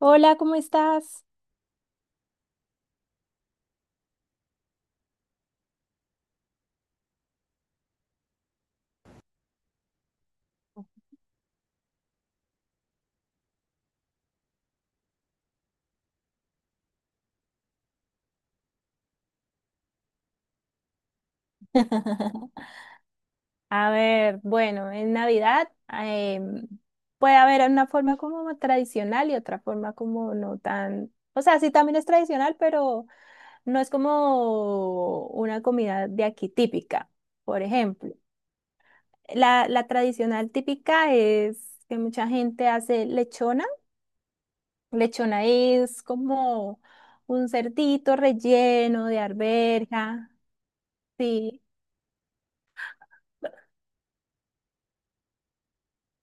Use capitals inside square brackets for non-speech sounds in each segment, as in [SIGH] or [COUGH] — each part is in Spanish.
Hola, ¿cómo estás? [LAUGHS] A ver, bueno, en Navidad puede haber una forma como tradicional y otra forma como no tan, o sea, sí también es tradicional, pero no es como una comida de aquí típica, por ejemplo. La tradicional típica es que mucha gente hace lechona. Lechona es como un cerdito relleno de arveja, sí.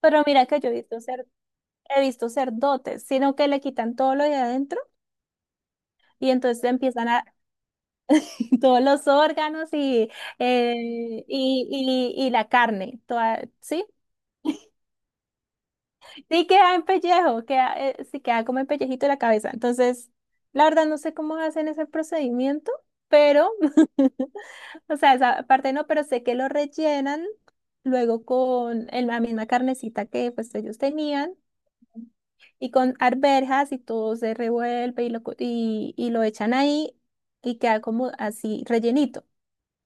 Pero mira que yo he visto sacerdotes, sino que le quitan todo lo de adentro y entonces le empiezan a [LAUGHS] todos los órganos y, y la carne, toda, ¿sí? Sí queda en pellejo, queda, sí queda como en pellejito de la cabeza. Entonces, la verdad no sé cómo hacen ese procedimiento, pero, [LAUGHS] o sea, esa parte no, pero sé que lo rellenan luego con el- la misma carnecita que pues ellos tenían. Y con arvejas y todo se revuelve y lo, y lo echan ahí y queda como así rellenito.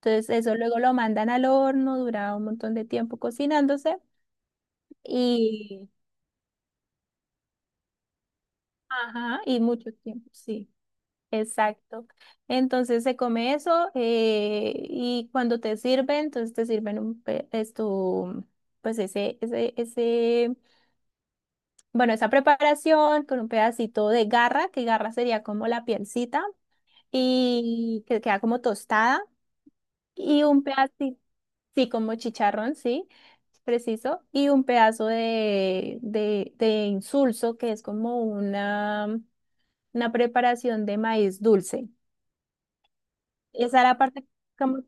Entonces eso luego lo mandan al horno, dura un montón de tiempo cocinándose y, ajá, y mucho tiempo, sí, exacto. Entonces se come eso y cuando te sirven, entonces te sirven un, pe- es tu, pues bueno, esa preparación con un pedacito de garra, que garra sería como la pielcita y que queda como tostada y un pedacito, sí, como chicharrón, sí, preciso, y un pedazo de insulso que es como una preparación de maíz dulce. Esa es la parte como,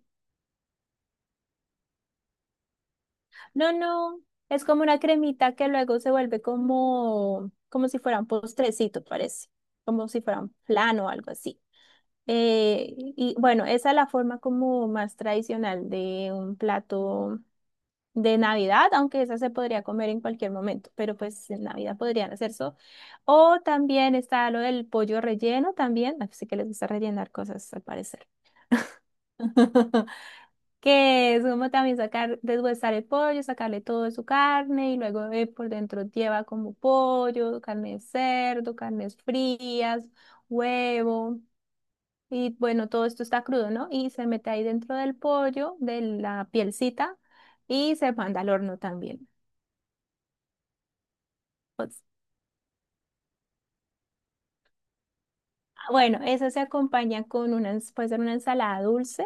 no, no, es como una cremita que luego se vuelve como, como si fuera un postrecito, parece, como si fuera un flan o algo así. Y bueno, esa es la forma como más tradicional de un plato de Navidad, aunque esa se podría comer en cualquier momento, pero pues en Navidad podrían hacer eso. O también está lo del pollo relleno también, así que les gusta rellenar cosas al parecer. [LAUGHS] Que es como también sacar, deshuesar el pollo, sacarle todo de su carne y luego por dentro lleva como pollo, carne de cerdo, carnes frías, huevo. Y bueno, todo esto está crudo, ¿no? Y se mete ahí dentro del pollo, de la pielcita, y se manda al horno también. Pues, bueno, esas se acompañan con una, ens- puede ser una ensalada dulce,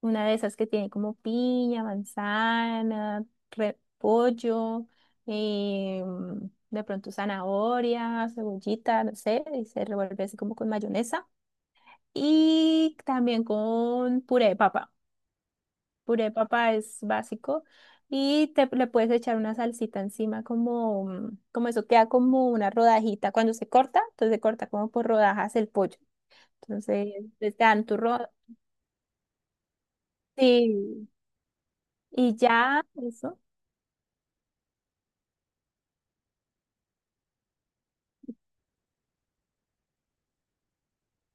una de esas que tiene como piña, manzana, repollo, eh, de pronto zanahoria, cebollita, no sé, y se revuelve así como con mayonesa. Y también con puré de papa. Puré de papa es básico y te, le puedes echar una salsita encima como, mm, como eso queda como una rodajita cuando se corta, entonces se corta como por rodajas el pollo. Entonces, les dan turrón. Sí, y ya, eso.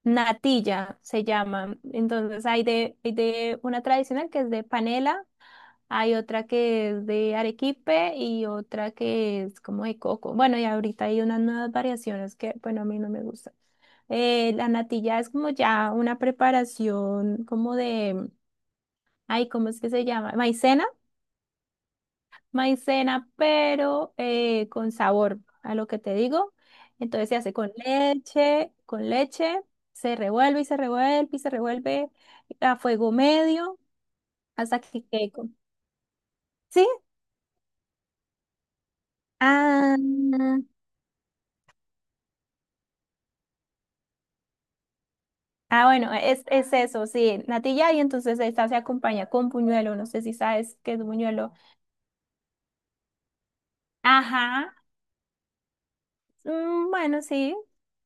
Natilla se llama. Entonces, hay de una tradicional que es de panela, hay otra que es de arequipe y otra que es como de coco. Bueno, y ahorita hay unas nuevas variaciones que, bueno, a mí no me gustan. La natilla es como ya una preparación como de, ay, ¿cómo es que se llama? Maicena. Maicena, pero con sabor a lo que te digo. Entonces se hace con leche, se revuelve y se revuelve y se revuelve a fuego medio hasta que quede con... ¿Sí? Ah, ah, bueno, es eso, sí, natilla y entonces esta se acompaña con buñuelo, no sé si sabes qué es buñuelo. Ajá, mm, bueno, sí,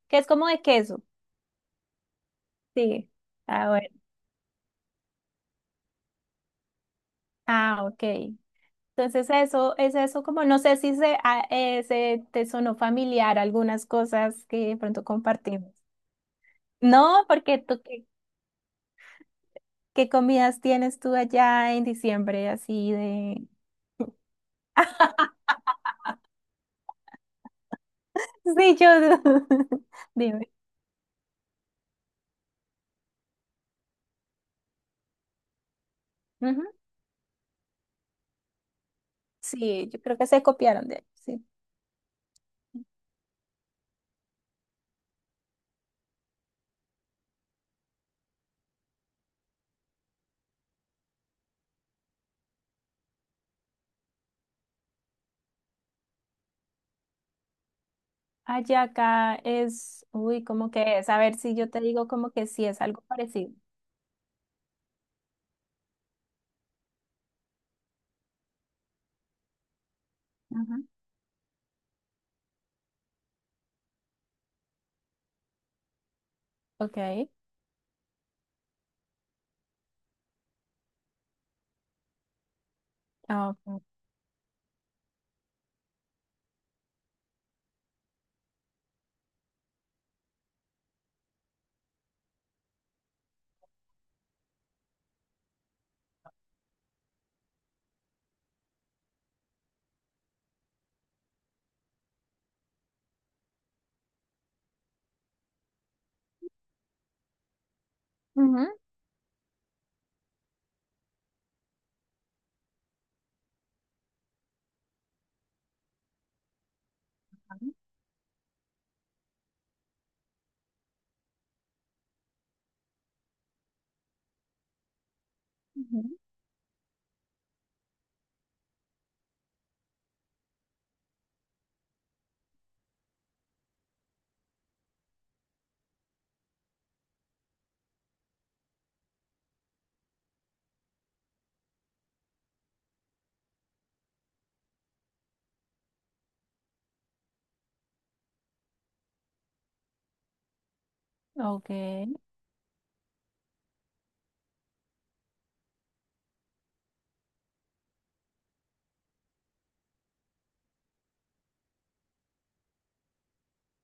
que es como de queso, sí. Ah, bueno, ah, ok. Entonces eso, es eso como, no sé si se, se te sonó familiar algunas cosas que de pronto compartimos. No, porque tú, ¿qué, qué comidas tienes tú allá en diciembre así de... [LAUGHS] Sí, yo... [LAUGHS] Dime. Ujú. Sí, yo creo que se copiaron de ahí, sí. Ayaca es, uy, ¿cómo que es? A ver si yo te digo como que sí es algo parecido. Ujú. Ok. Ah, ok. Ujú. Ujú. Ok.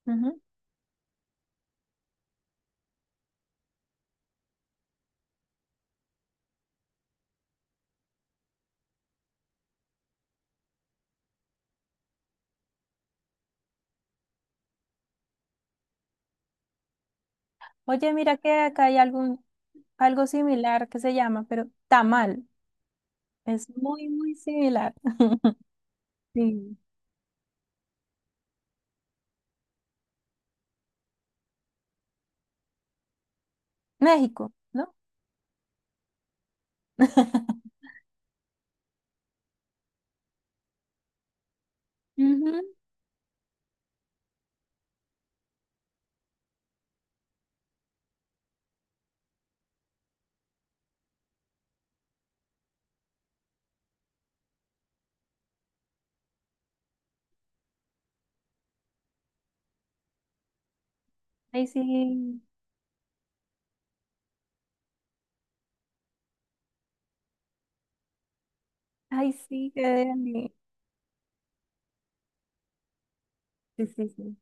Ujú. Oye, mira que acá hay algún, algo similar que se llama, pero tamal. Es muy, muy similar. [LAUGHS] Sí. México, ¿no? [LAUGHS] Ujú. Ay, sí. Ay, sí, qué deli. Sí, sí, sí.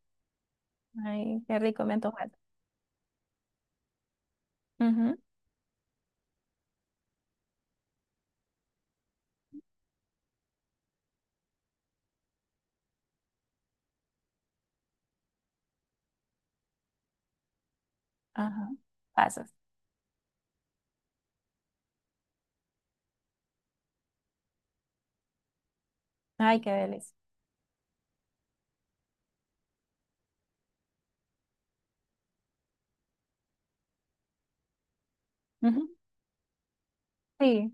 Ay, qué rico, me antojaste. Ujú. Ajá. Pasas. Ay, qué delicia. Ujú. Sí.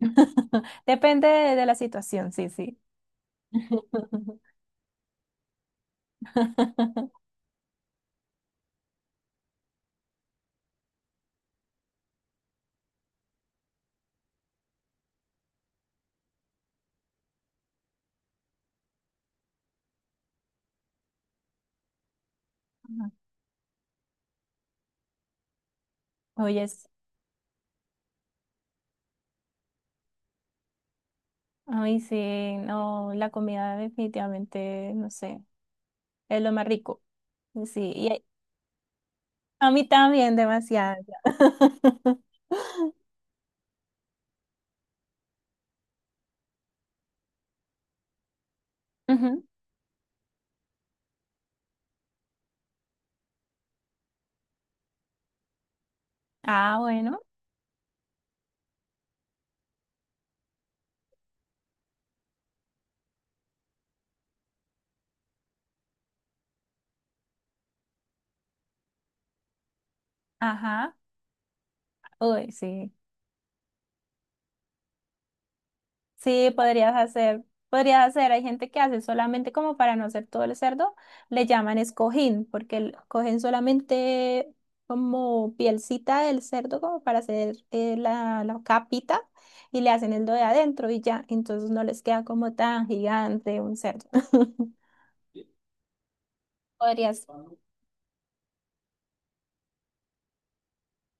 [LAUGHS] Depende de la situación, sí, sí. [LAUGHS] Oye, sí. Ay, sí, no, la comida definitivamente, no sé. Es lo más rico. Sí, y a mí también demasiado. [LAUGHS] Ujú. Ah, bueno, ajá. Uy, sí. Sí, podrías hacer, hay gente que hace solamente como para no hacer todo el cerdo, le llaman escojín, porque el- cogen solamente como pielcita del cerdo como para hacer la capita y le hacen el do de adentro y ya, entonces no les queda como tan gigante un cerdo. [LAUGHS] Podrías,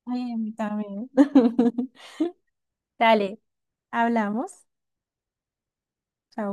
ay, a mí también. [LAUGHS] Dale, hablamos. Chao.